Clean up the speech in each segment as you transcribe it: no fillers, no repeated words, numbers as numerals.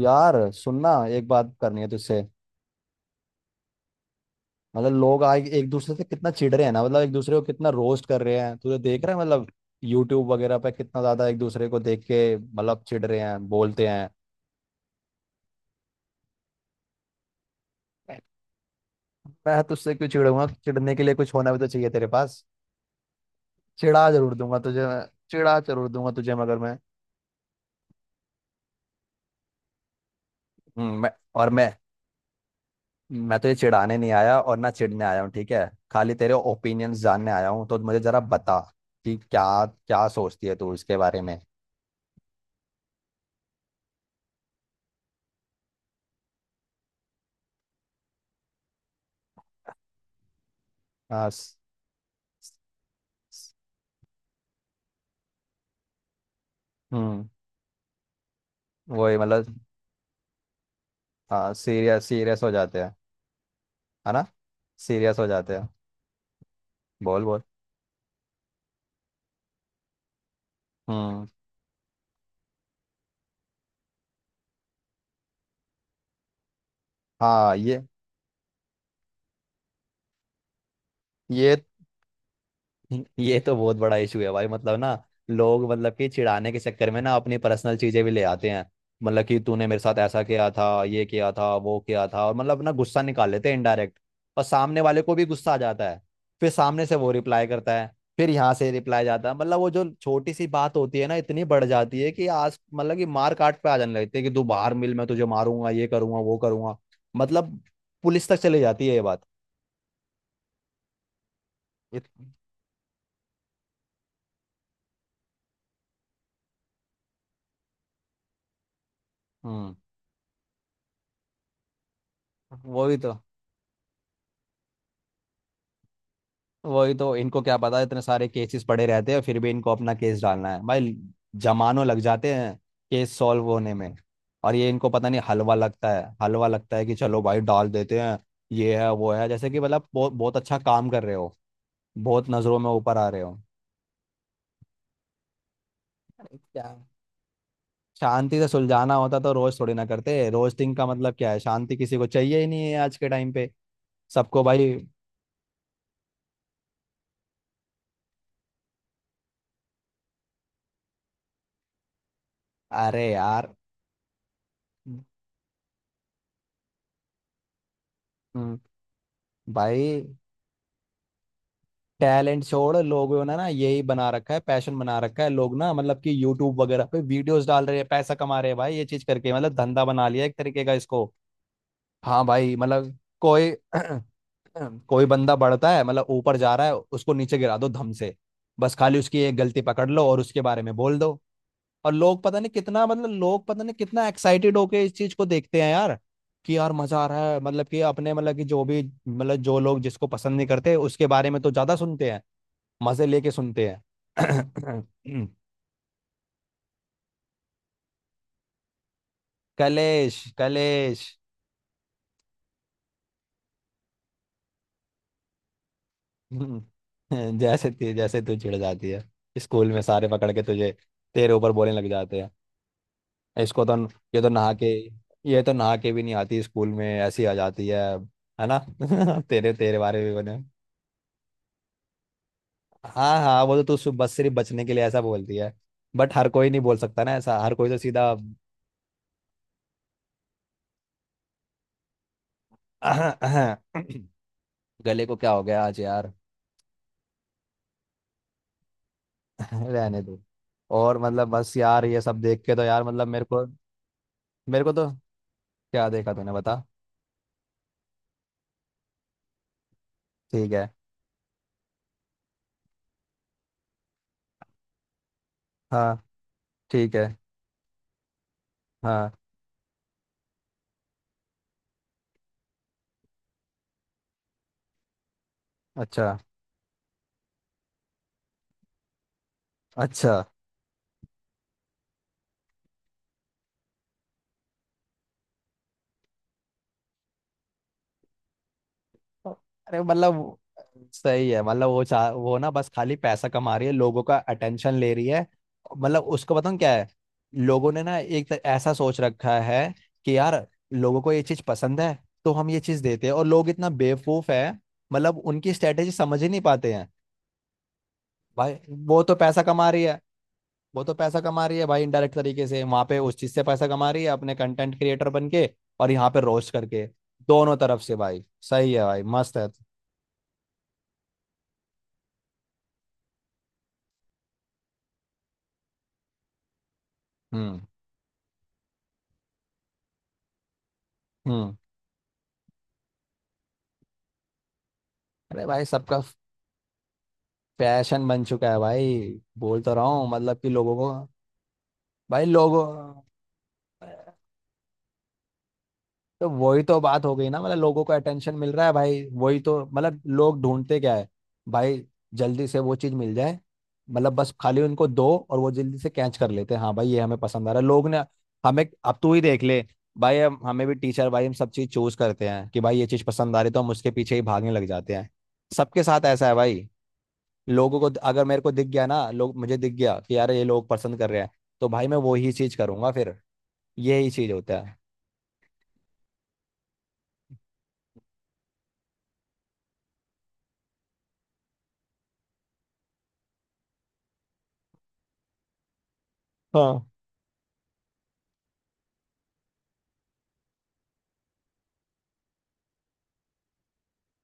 यार सुनना। एक बात करनी है तुझसे। मतलब लोग आज एक दूसरे से कितना चिढ़ रहे हैं ना, मतलब एक दूसरे को कितना रोस्ट कर रहे हैं, तुझे देख रहा है मतलब। यूट्यूब वगैरह पे कितना ज्यादा एक दूसरे को देख के मतलब चिढ़ रहे हैं, बोलते हैं। मैं तुझसे क्यों चिढ़ूंगा? चिढ़ने के लिए कुछ होना भी तो चाहिए तेरे पास। चिढ़ा जरूर दूंगा तुझे मैं। चिढ़ा जरूर दूंगा तुझे, मगर मैं। मैं। और मैं। मैं तो ये चिढ़ाने नहीं आया और ना चिढ़ने आया हूँ, ठीक है? खाली तेरे ओपिनियंस जानने आया हूँ, तो मुझे जरा बता कि क्या क्या सोचती है तू इसके बारे में। हाँ। हम्म। वही मतलब। हाँ, सीरियस सीरियस हो जाते हैं। है ना? सीरियस हो जाते हैं। बोल बोल। हम्म। हाँ, ये ये तो बहुत बड़ा इशू है भाई, मतलब ना। लोग मतलब कि चिढ़ाने के चक्कर में ना अपनी पर्सनल चीजें भी ले आते हैं। मतलब कि तूने मेरे साथ ऐसा किया था, ये किया था, वो किया था, और मतलब ना गुस्सा निकाल लेते हैं इनडायरेक्ट। और सामने वाले को भी गुस्सा आ जाता है। फिर सामने से वो रिप्लाई करता है। फिर यहाँ से रिप्लाई जाता है, मतलब वो जो छोटी सी बात होती है ना, इतनी बढ़ जाती है कि आज मतलब कि मार काट पे आ जाने लगती है कि तू बाहर मिल, मैं तुझे मारूंगा, ये करूंगा, वो करूंगा। मतलब पुलिस तक चली जाती है ये बात। इत- हम्म। वही तो। वही तो, इनको क्या पता, इतने सारे केसेस पड़े रहते हैं फिर भी इनको अपना केस डालना है भाई। जमानों लग जाते हैं, केस सॉल्व होने में। और ये, इनको पता नहीं, हलवा लगता है, हलवा लगता है कि चलो भाई डाल देते हैं। ये है वो है, जैसे कि मतलब बहुत बहुत अच्छा काम कर रहे हो। बहुत नजरों में ऊपर आ रहे हो। अरे क्या। शांति से सुलझाना होता तो रोज थोड़ी ना करते, रोस्टिंग का मतलब क्या है? शांति किसी को चाहिए ही नहीं है आज के टाइम पे। सबको भाई। अरे यार। हम्म, भाई। टैलेंट छोड़, लोगों ने ना यही बना रखा है, पैशन बना रखा है। लोग ना मतलब कि यूट्यूब वगैरह पे वीडियोस डाल रहे हैं, पैसा कमा रहे हैं भाई ये चीज करके, मतलब धंधा बना लिया एक तरीके का इसको। हाँ भाई मतलब कोई कोई बंदा बढ़ता है, मतलब ऊपर जा रहा है, उसको नीचे गिरा दो धम से। बस खाली उसकी एक गलती पकड़ लो और उसके बारे में बोल दो। और लोग पता नहीं कितना, मतलब लोग पता नहीं कितना एक्साइटेड होके इस चीज को देखते हैं यार। कि यार मजा आ रहा है, मतलब कि अपने, मतलब कि जो भी। मतलब जो लोग जिसको पसंद नहीं करते उसके बारे में तो ज्यादा सुनते हैं। मजे लेके सुनते हैं। कलेश कलेश। जैसे तू चिढ़ जाती है। स्कूल में सारे पकड़ के तुझे, तेरे ऊपर बोलने लग जाते हैं। इसको तो। ये तो नहा के ये तो नहा के भी नहीं आती स्कूल में, ऐसी आ जाती है। है ना? तेरे तेरे बारे में बने। हाँ, हाँ, वो तो तू बस सिर्फ बचने के लिए ऐसा बोलती है। बट हर कोई नहीं बोल सकता ना ऐसा, हर कोई तो सीधा। गले को क्या हो गया आज यार? रहने दो। और मतलब बस यार ये सब देख के तो यार, मतलब मेरे को। मेरे को तो। क्या देखा तूने, बता। ठीक है। हाँ। ठीक है। हाँ। अच्छा। अच्छा। अरे मतलब सही है, मतलब वो ना बस खाली पैसा कमा रही है, लोगों का अटेंशन ले रही है। मतलब उसको बताऊं क्या है। लोगों ने ना ऐसा सोच रखा है। कि यार लोगों को ये चीज पसंद है। तो हम ये चीज देते हैं, और लोग इतना बेवकूफ है। मतलब उनकी स्ट्रेटेजी समझ ही नहीं पाते हैं। भाई, वो तो पैसा कमा रही है। वो तो पैसा कमा रही है भाई, इनडायरेक्ट तरीके से वहां पे उस चीज से पैसा कमा रही है अपने कंटेंट क्रिएटर बन के। और यहाँ पे रोस्ट करके। दोनों तरफ से भाई। सही है भाई, मस्त है। हम्म। हम्म। अरे भाई, सबका फैशन बन चुका है भाई। बोल तो रहा हूँ मतलब कि लोगों को भाई, लोगों। तो वही तो बात हो गई ना, मतलब लोगों को अटेंशन मिल रहा है भाई, वही तो मतलब लोग ढूंढते क्या है? भाई, जल्दी से वो चीज मिल जाए। मतलब बस खाली उनको दो, और वो जल्दी से कैच कर लेते हैं, हाँ भाई ये हमें पसंद आ रहा है लोग ने। हमें अब तू ही देख ले। भाई हम, हमें भी टीचर। भाई हम सब चीज चूज करते हैं कि भाई ये चीज पसंद आ रही तो हम उसके पीछे ही भागने लग जाते हैं। सबके साथ ऐसा है भाई। लोगों को, अगर मेरे को दिख गया ना लोग, मुझे दिख गया कि यार ये लोग पसंद कर रहे हैं। तो भाई मैं वही चीज करूंगा फिर। यही चीज होता है। हाँ।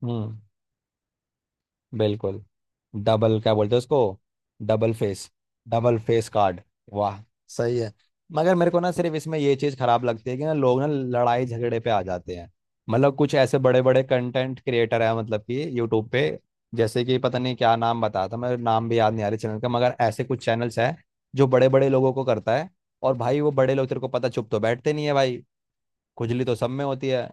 हम्म। बिल्कुल। डबल क्या बोलते हैं उसको? Double face. Double face card. वाह। सही है। मगर मेरे को ना सिर्फ इसमें ये चीज़ खराब लगती है कि ना, लोग ना लड़ाई झगड़े पे आ जाते हैं। मतलब कुछ ऐसे बड़े बड़े कंटेंट क्रिएटर हैं, मतलब कि यूट्यूब पे। जैसे कि पता नहीं क्या नाम बताया था मेरे, नाम भी याद नहीं आ रही चैनल का, मगर ऐसे कुछ चैनल्स हैं। जो बड़े बड़े लोगों को करता है। और भाई वो बड़े लोग, तेरे को पता, चुप तो बैठते नहीं है भाई। खुजली तो सब में होती है।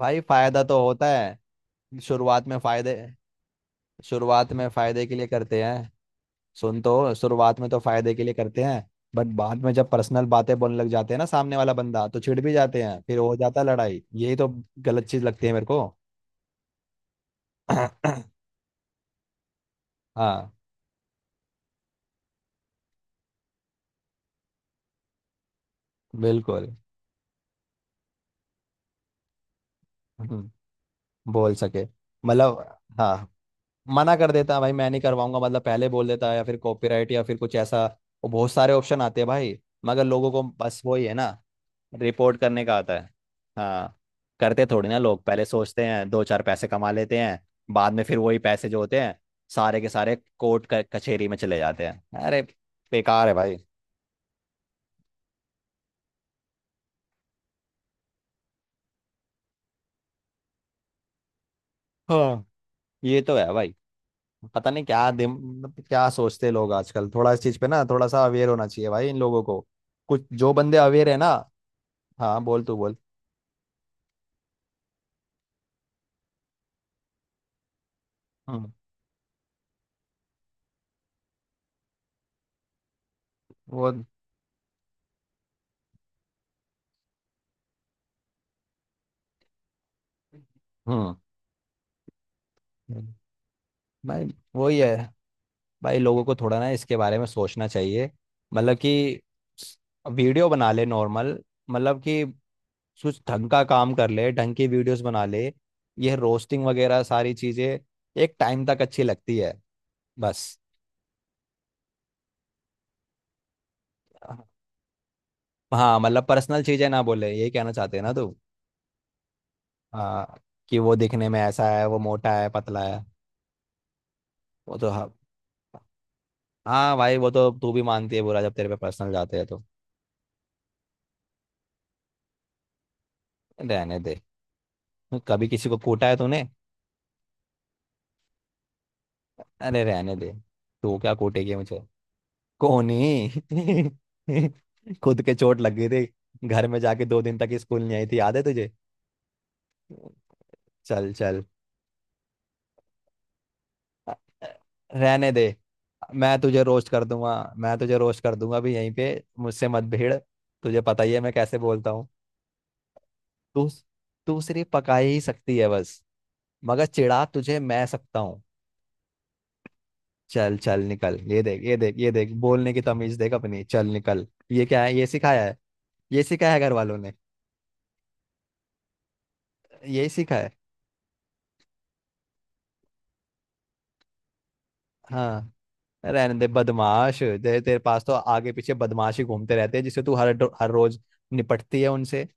भाई फायदा तो होता है। शुरुआत में फायदे शुरुआत में फायदे के लिए करते हैं। सुन तो शुरुआत में तो फायदे के लिए करते हैं। बट बाद में जब पर्सनल बातें बोलने लग जाते हैं ना सामने वाला बंदा, तो छिड़ भी जाते हैं, फिर हो जाता है लड़ाई, यही तो। गलत चीज लगती है मेरे को। हाँ। बिल्कुल। हम्म, बोल सके। मतलब, हाँ, मना कर देता है भाई, मैं नहीं करवाऊंगा, मतलब पहले बोल देता है, या फिर कॉपीराइट या फिर कुछ ऐसा। वो बहुत सारे ऑप्शन आते हैं भाई। मगर लोगों को बस वही है ना। रिपोर्ट करने का आता है। हाँ। करते थोड़ी ना लोग पहले सोचते हैं, दो चार पैसे कमा लेते हैं। बाद में फिर वही पैसे जो होते हैं। सारे के सारे कोर्ट कचहरी में चले जाते हैं, अरे। बेकार है भाई। हाँ ये तो है भाई, पता नहीं क्या दिम। मतलब क्या सोचते हैं लोग आजकल, थोड़ा इस चीज पे ना थोड़ा सा अवेयर होना चाहिए भाई इन लोगों को। कुछ जो बंदे अवेयर है ना। हाँ, बोल तू बोल। हम्म। वो। हम्म। भाई वही है। भाई लोगों को थोड़ा ना इसके बारे में सोचना चाहिए। मतलब कि वीडियो बना ले नॉर्मल, मतलब कि कुछ ढंग का काम कर ले, ढंग की वीडियोस बना ले। यह रोस्टिंग वगैरह सारी चीज़ें, एक टाइम तक अच्छी लगती है बस। हाँ, मतलब पर्सनल चीज़ें ना बोले, यही कहना चाहते हैं ना तू। हाँ, कि वो दिखने में ऐसा है, वो मोटा है, पतला है। वो तो हाँ। हाँ भाई, वो तो तू भी मानती है बुरा, जब तेरे पे पर्सनल जाते हैं तो। रहने दे। कभी किसी को कूटा है तूने? अरे रहने दे, तू क्या कूटेगी मुझे? कोनी खुद के चोट लग गई थी, घर में जाके 2 दिन तक स्कूल नहीं आई थी, याद है तुझे? चल चल, अ- अ- रहने दे। मैं तुझे रोस्ट कर दूंगा। मैं तुझे रोस्ट कर दूंगा भी यहीं पे। मुझसे मत भिड़। तुझे पता ही है मैं कैसे बोलता हूँ। तू तू सिर्फ पका ही सकती है बस। मगर चिढ़ा तुझे मैं सकता हूँ। चल चल निकल। ये देख ये देख ये देख, बोलने की तमीज देख अपनी, चल निकल। ये क्या है? ये सिखाया है? ये सिखाया है घर वालों ने? यही सीखा है? हाँ रहने दे, बदमाश तेरे तेरे पास तो आगे पीछे बदमाश ही घूमते रहते हैं, जिससे तू हर रोज निपटती है उनसे।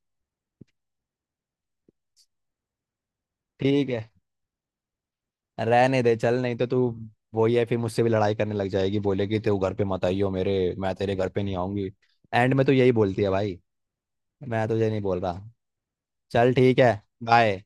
ठीक है। रहने दे चल, नहीं तो तू। वही है, फिर मुझसे भी लड़ाई करने लग जाएगी, बोलेगी तू घर पे मत आई हो मेरे। मैं तेरे घर पे नहीं आऊंगी। एंड में तो यही बोलती है भाई। मैं तुझे नहीं बोल रहा। चल ठीक है। बाय।